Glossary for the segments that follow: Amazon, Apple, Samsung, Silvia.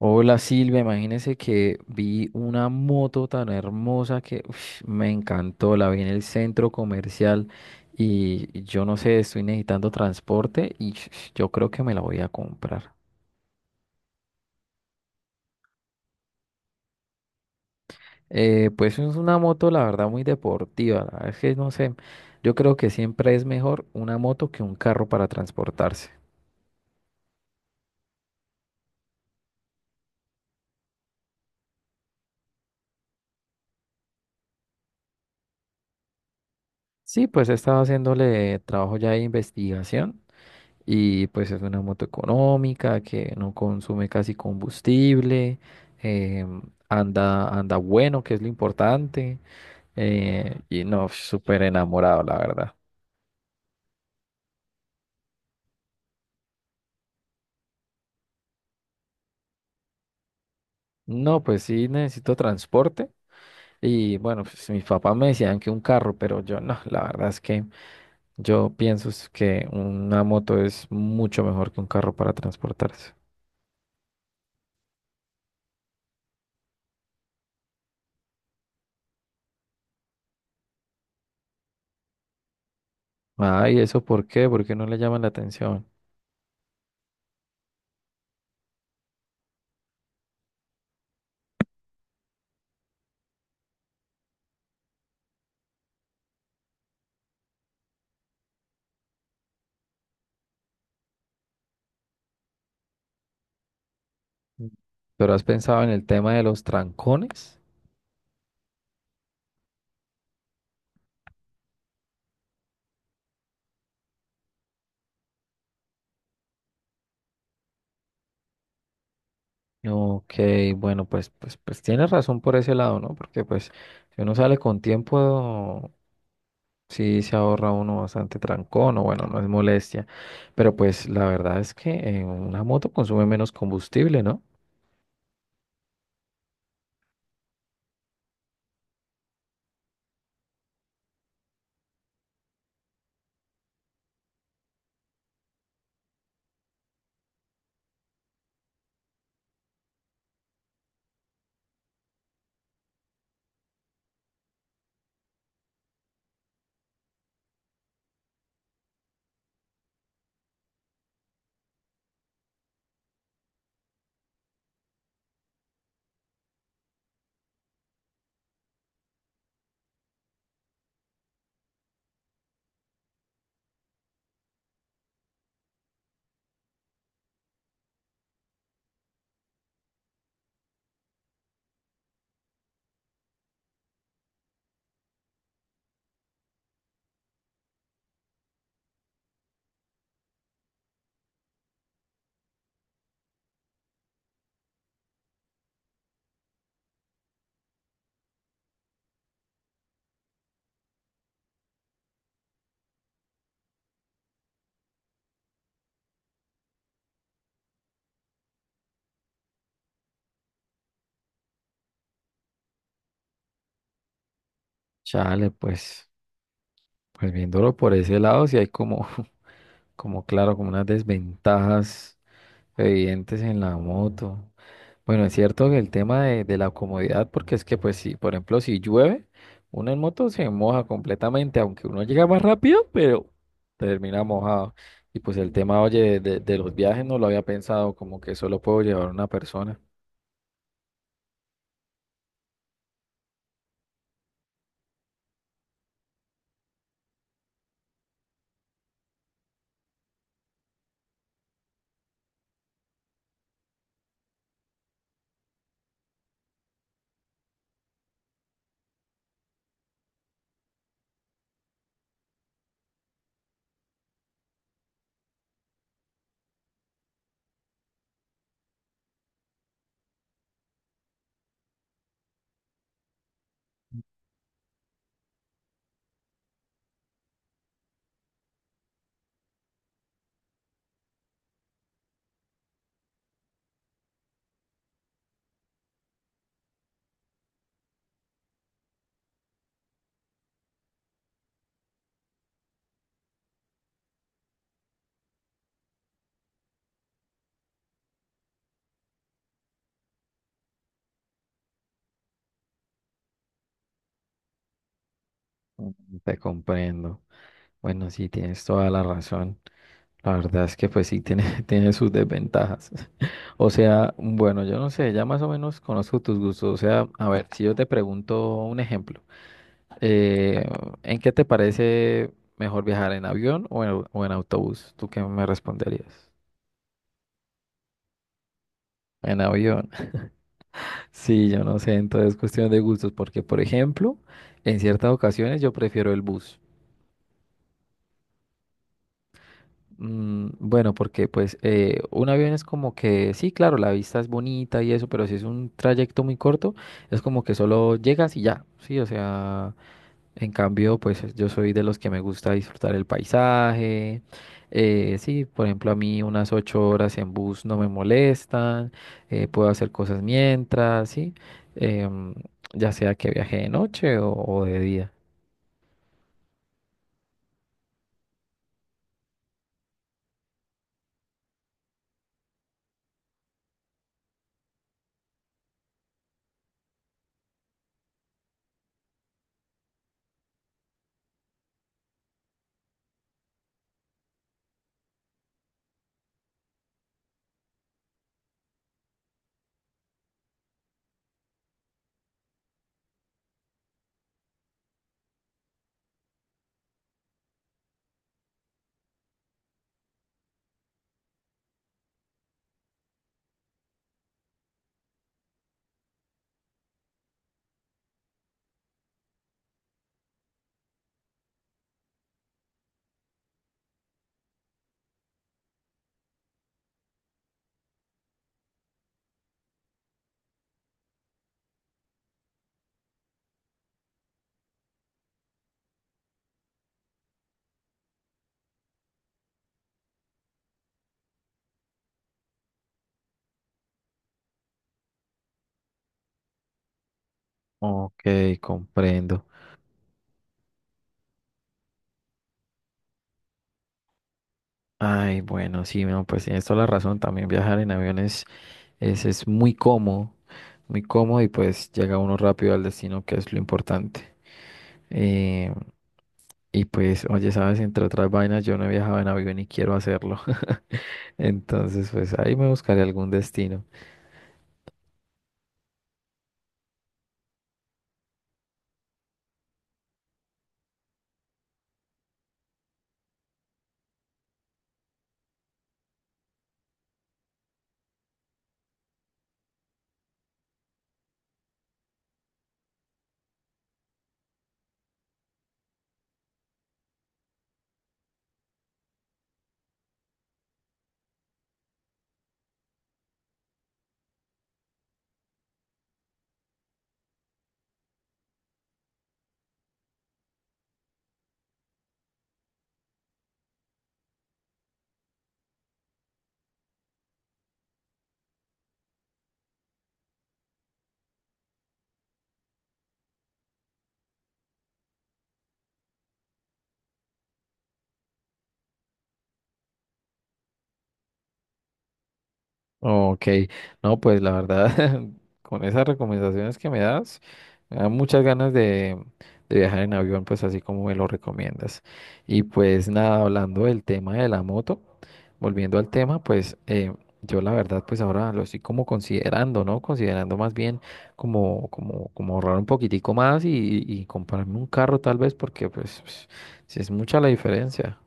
Hola Silvia, imagínese que vi una moto tan hermosa que ush, me encantó, la vi en el centro comercial y yo no sé, estoy necesitando transporte y yo creo que me la voy a comprar. Pues es una moto, la verdad, muy deportiva, la verdad es que no sé, yo creo que siempre es mejor una moto que un carro para transportarse. Sí, pues he estado haciéndole trabajo ya de investigación. Y pues es una moto económica que no consume casi combustible, em, anda, anda bueno, que es lo importante. Y no, súper enamorado, la verdad. No, pues sí necesito transporte. Y bueno, pues mis papás me decían que un carro, pero yo no, la verdad es que yo pienso es que una moto es mucho mejor que un carro para transportarse. Ah, ¿y eso por qué? ¿Por qué no le llaman la atención? Mm. ¿Pero has pensado en el tema de los trancones? Ok, bueno, pues tienes razón por ese lado, ¿no? Porque pues si uno sale con tiempo, sí se ahorra uno bastante trancón o bueno, no es molestia. Pero pues la verdad es que una moto consume menos combustible, ¿no? Chale, pues viéndolo por ese lado, sí hay como, como claro, como unas desventajas. Evidentes en la moto. Bueno, es cierto que el tema de la comodidad, porque es que, pues, si, por ejemplo, si llueve, uno en moto se moja completamente, aunque uno llega más rápido, pero termina mojado. Y pues el tema, oye, de los viajes no lo había pensado, como que solo puedo llevar una persona. Mm, te comprendo. Bueno, sí, tienes toda la razón. La verdad es que pues sí tiene, tiene sus desventajas. O sea, bueno, yo no sé, ya más o menos conozco tus gustos. O sea, a ver, si yo te pregunto un ejemplo, eh, ¿en qué te parece mejor viajar en avión o o en autobús? ¿Tú qué me responderías? En avión. Sí, yo no sé, entonces es cuestión de gustos, porque por ejemplo, en ciertas ocasiones yo prefiero el bus. Mm, bueno, porque pues un avión es como que, sí, claro, la vista es bonita y eso, pero si es un trayecto muy corto, es como que solo llegas y ya, sí, o sea, en cambio, pues yo soy de los que me gusta disfrutar el paisaje, sí, por ejemplo, a mí unas 8 horas en bus no me molestan, puedo hacer cosas mientras, sí, em, ya sea que viaje de noche o de día. Ok, comprendo. Ay, bueno, sí, no, pues tienes toda la razón. También viajar en aviones es muy cómodo y pues llega uno rápido al destino, que es lo importante. Eh, y pues, oye, sabes, entre otras vainas, yo no he viajado en avión y quiero hacerlo. Entonces, pues ahí me buscaré algún destino. Ok, no, pues la verdad, con esas recomendaciones que me das, me dan muchas ganas de viajar en avión, pues así como me lo recomiendas. Y pues nada, hablando del tema de la moto, volviendo al tema, pues yo la verdad, pues ahora lo estoy como considerando, ¿no? Considerando más bien como ahorrar un poquitico más y comprarme un carro tal vez, porque sí es mucha la diferencia.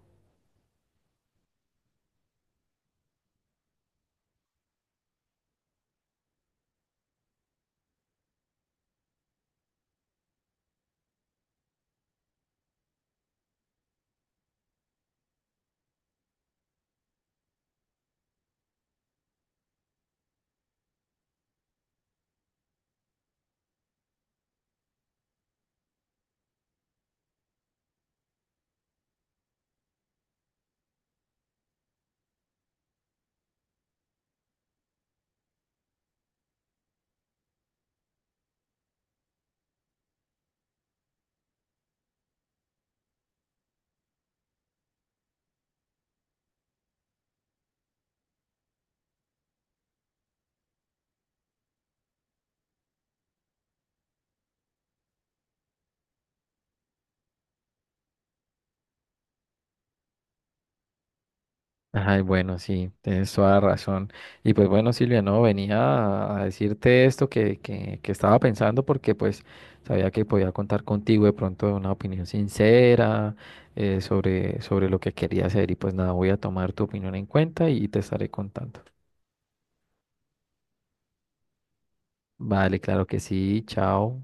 Ay, bueno, sí, tienes toda la razón. Y pues bueno, Silvia, no, venía a decirte esto que estaba pensando porque pues sabía que podía contar contigo de pronto de una opinión sincera sobre sobre lo que quería hacer y pues nada, voy a tomar tu opinión en cuenta y te estaré contando. Vale, claro que sí, chao.